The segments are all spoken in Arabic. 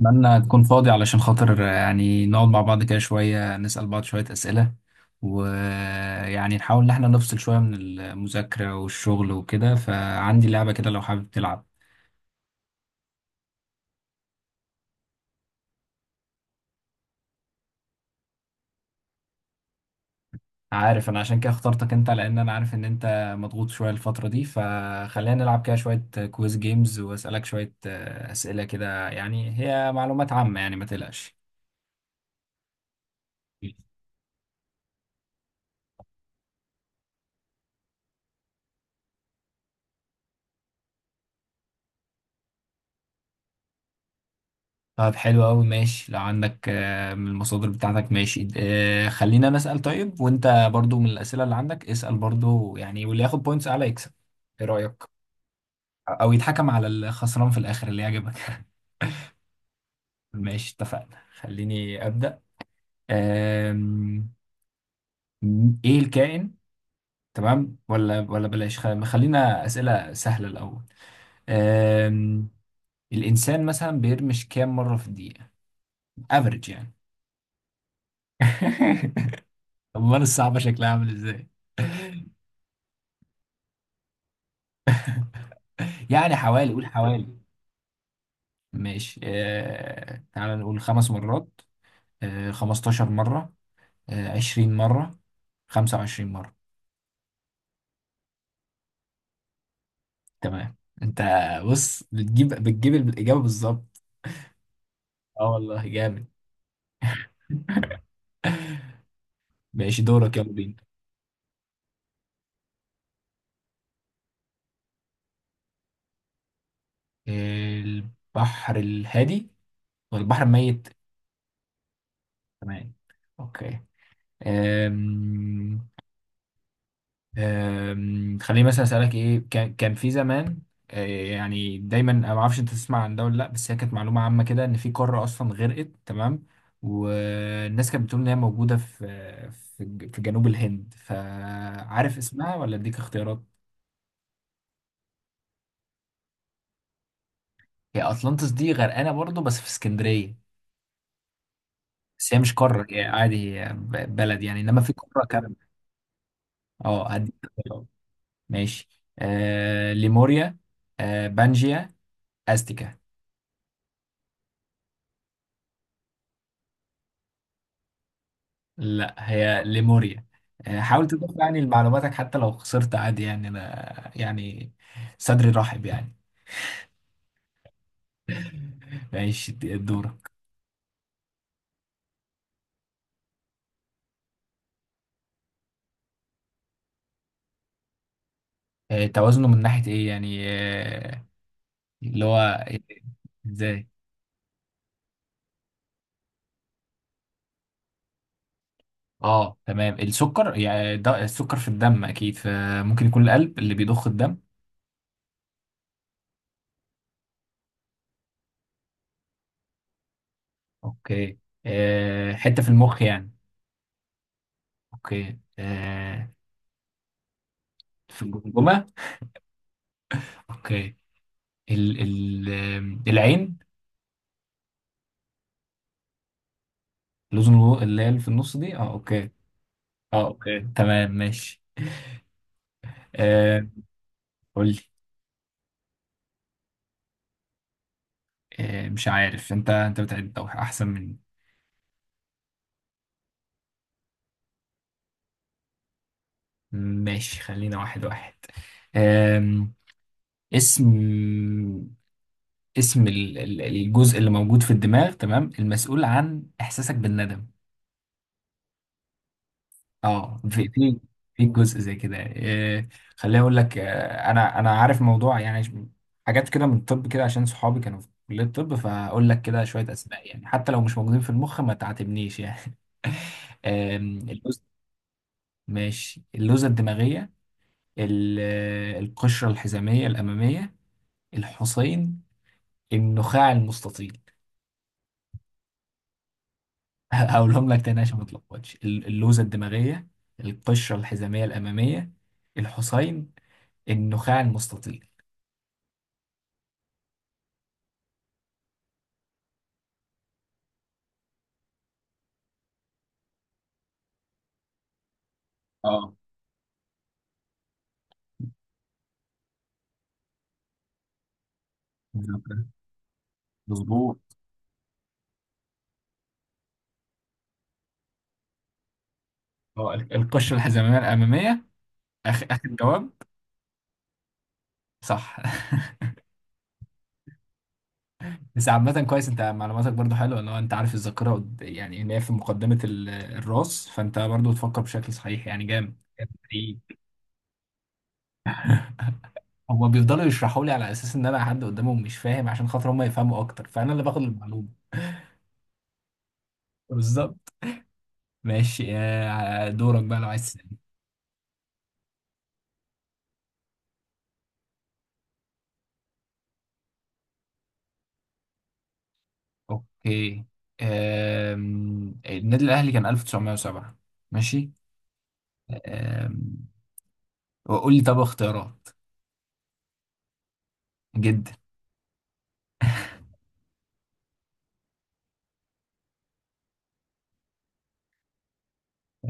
اتمنى تكون فاضي علشان خاطر يعني نقعد مع بعض كده شوية نسأل بعض شوية أسئلة ويعني نحاول إن احنا نفصل شوية من المذاكرة والشغل وكده فعندي لعبة كده لو حابب تلعب. عارف أنا عشان كده اخترتك أنت لأن أنا عارف إن أنت مضغوط شوية الفترة دي، فخلينا نلعب كده شوية كويز جيمز وأسألك شوية أسئلة كده، يعني هي معلومات عامة يعني ما تقلقش. طب حلو أوي، ماشي. لو عندك من المصادر بتاعتك ماشي، خلينا نسأل. طيب وأنت برضو من الأسئلة اللي عندك اسأل برضو يعني، واللي ياخد بوينتس أعلى يكسب. إيه رأيك؟ أو يتحكم على الخسران في الآخر، اللي يعجبك. ماشي اتفقنا، خليني أبدأ. آم، إيه الكائن؟ تمام، ولا بلاش، خلينا أسئلة سهلة الأول. آم، الإنسان مثلا بيرمش كام مرة في الدقيقة؟ افريج يعني. أمال الصعبة شكلها عامل إزاي؟ يعني حوالي، قول حوالي. ماشي، آه تعال نقول خمس مرات، آه 15 مرة، آه 20 مرة، 25 مرة. تمام. انت بص، بتجيب الإجابة بالظبط. اه والله جامد. ماشي، دورك، يلا بينا. البحر الهادي ولا البحر الميت؟ تمام. اوكي. آم، خليني مثلا اسالك، ايه كان في زمان، يعني دايما انا ما اعرفش انت تسمع عن ده ولا لا، بس هي كانت معلومه عامه كده ان في قاره اصلا غرقت، تمام، والناس كانت بتقول ان هي موجوده في في في جنوب الهند، فعارف اسمها ولا اديك اختيارات؟ هي اطلانتس دي غرقانه برضو بس في اسكندريه، بس هي مش قاره، هي عادي هي بلد يعني، انما في قاره كامله. اه هديك اختيارات. ماشي، آه ليموريا، آه بانجيا، استيكا. لا هي ليموريا. حاول تضيف يعني لمعلوماتك، حتى لو خسرت عادي يعني، انا يعني صدري رحب يعني. ماشي دورك. توازنه من ناحية ايه يعني؟ اللي هو إيه؟ ازاي؟ اه تمام، السكر يعني، ده السكر في الدم اكيد، فممكن يكون القلب اللي بيضخ الدم. اوكي، حتة في المخ يعني؟ اوكي، في الجمجمة. اوكي. ال العين؟ لوزن اللي هي اللي في النص دي، اه اوكي. اه اوكي تمام ماشي. آه قول لي. آه مش عارف، انت بتعد او احسن مني. ماشي خلينا واحد واحد. آم، اسم، اسم الجزء اللي موجود في الدماغ تمام، المسؤول عن احساسك بالندم. اه في في جزء زي كده إيه. خليني اقول لك، انا عارف موضوع يعني، حاجات كده من الطب كده عشان صحابي كانوا في كلية الطب، فاقول لك كده شوية اسماء يعني حتى لو مش موجودين في المخ ما تعاتبنيش يعني. اللوز. ماشي، اللوزة الدماغية، القشرة الحزامية الأمامية، الحصين، النخاع المستطيل. هقولهم لك تاني عشان ما تلخبطش، اللوزة الدماغية، القشرة الحزامية الأمامية، الحصين، النخاع المستطيل. اه مظبوط. اه القشره الحزاميه الاماميه، اخر جواب. صح. بس عامه كويس، انت معلوماتك برضو حلوه، لو انت عارف الذاكره يعني ان هي في مقدمه الراس، فانت برضو تفكر بشكل صحيح يعني، جامد جامد حقيقي. هما بيفضلوا يشرحوا لي على اساس ان انا حد قدامهم مش فاهم عشان خاطر هما يفهموا اكتر، فانا اللي باخد المعلومه. بالظبط. ماشي دورك بقى لو عايز تسألني. اوكي، النادي الاهلي كان 1907. ماشي. آم، وقول لي طب اختيارات. جدا.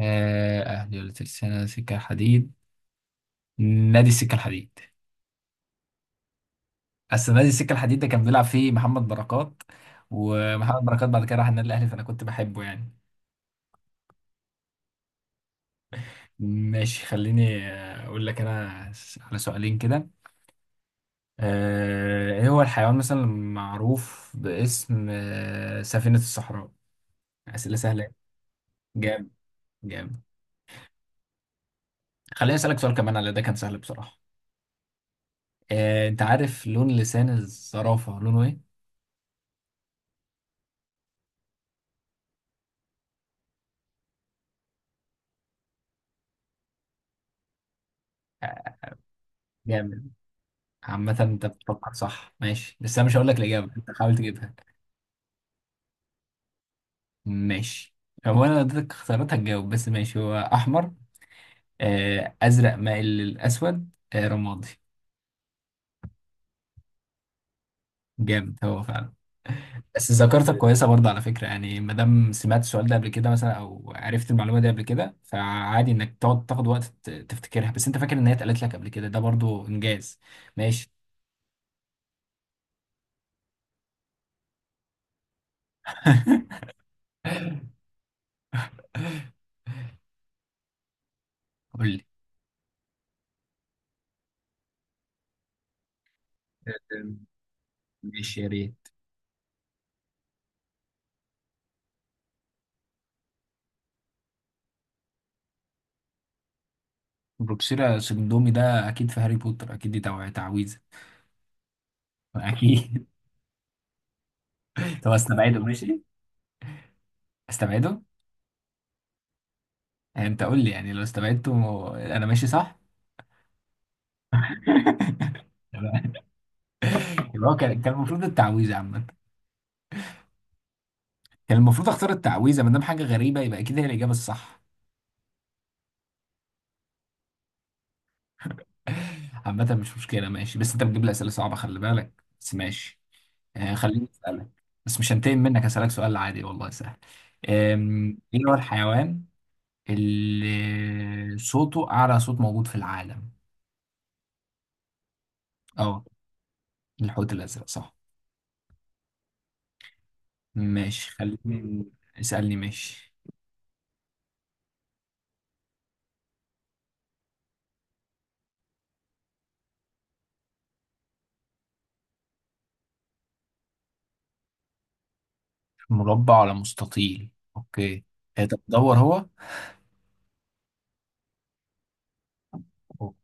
اهلي ولا ترسانة سكة الحديد؟ نادي السكة الحديد. اصل نادي السكة الحديد ده كان بيلعب فيه محمد بركات، ومحمد بركات بعد كده راح النادي الاهلي، فانا كنت بحبه يعني. ماشي خليني اقول لك انا، على سؤالين كده. ايه هو الحيوان مثلا المعروف باسم سفينة الصحراء؟ اسئلة سهلة. جامد جامد. خليني اسالك سؤال كمان، على ده كان سهل بصراحة. انت عارف لون لسان الزرافة لونه ايه؟ آه، جامد. عامة انت بتفكر صح ماشي، بس انا مش هقول لك الإجابة، انت حاول تجيبها. ماشي. هو انا لو اديتك اختيارات هتجاوب، بس ماشي. هو احمر، ازرق مائل للاسود، رمادي؟ جامد هو فعلا. بس ذاكرتك كويسة برضه على فكرة يعني، ما دام سمعت السؤال ده قبل كده مثلا او عرفت المعلومة دي قبل كده، فعادي انك تقعد تاخد وقت تفتكرها، بس انت فاكر ان هي اتقالت لك قبل كده، ده برضه انجاز. ماشي. قول لي. ماشي يا ريت. بروكسيرا سيرندومي ده اكيد في هاري بوتر، اكيد دي تعويذه اكيد. طب استبعده ماشي، استبعده. يعني انت قول لي يعني لو استبعدته انا ماشي صح؟ يبقى هو كان المفروض التعويذه عامه، كان المفروض اختار التعويذه، ما دام حاجه غريبه يبقى اكيد هي الاجابه الصح. عامه مش مشكله ماشي، بس انت بتجيب لي اسئله صعبه، خلي بالك بس ماشي. آه خليني اسالك. بس مش هنتقم منك، هسالك سؤال عادي والله سهل. ايه هو الحيوان اللي صوته أعلى صوت موجود في العالم؟ اه، الحوت الأزرق صح. ماشي خليني. اسألني ماشي. مربع ولا مستطيل. أوكي. طب دور هو. أوه.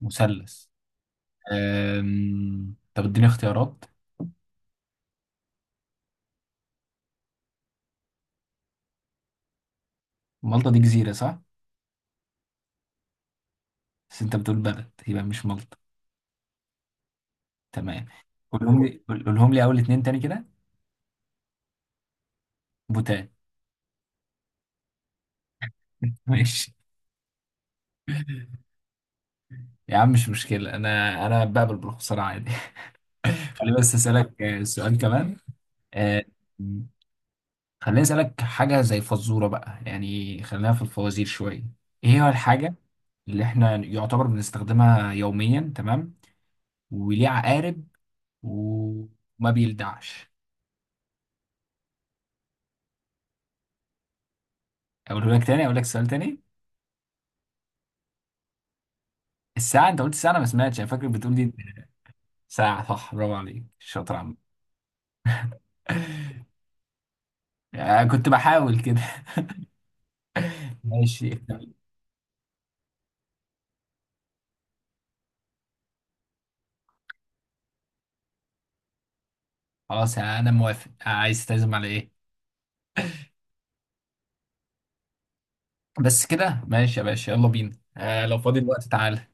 مثلث. طب اديني اختيارات. مالطا دي جزيرة صح؟ بس انت بتقول بلد يبقى مش مالطا. تمام. قولهم لي، قولهم لي أول اتنين تاني كده. بوتان. ماشي. يا عم مش مشكلة، أنا بقبل بالخسارة عادي. خليني بس أسألك سؤال كمان. آه، خليني أسألك حاجة زي فزورة بقى يعني، خلينا في الفوازير شوية. إيه هو الحاجة اللي إحنا يعتبر بنستخدمها يوميا، تمام، وليه عقارب وما بيلدعش؟ أقوله لك تاني، أقول لك سؤال تاني. الساعة؟ أنت قلت الساعة، أنا ما سمعتش، أنا فاكر بتقول دي. ساعة صح، برافو عليك، شاطر يا عم. كنت بحاول كده. ماشي. خلاص أنا موافق، عايز تعزم على إيه؟ بس كده ماشي يا باشا، يلا بينا، آه لو فاضي الوقت تعالى.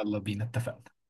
يلا بينا، اتفقنا.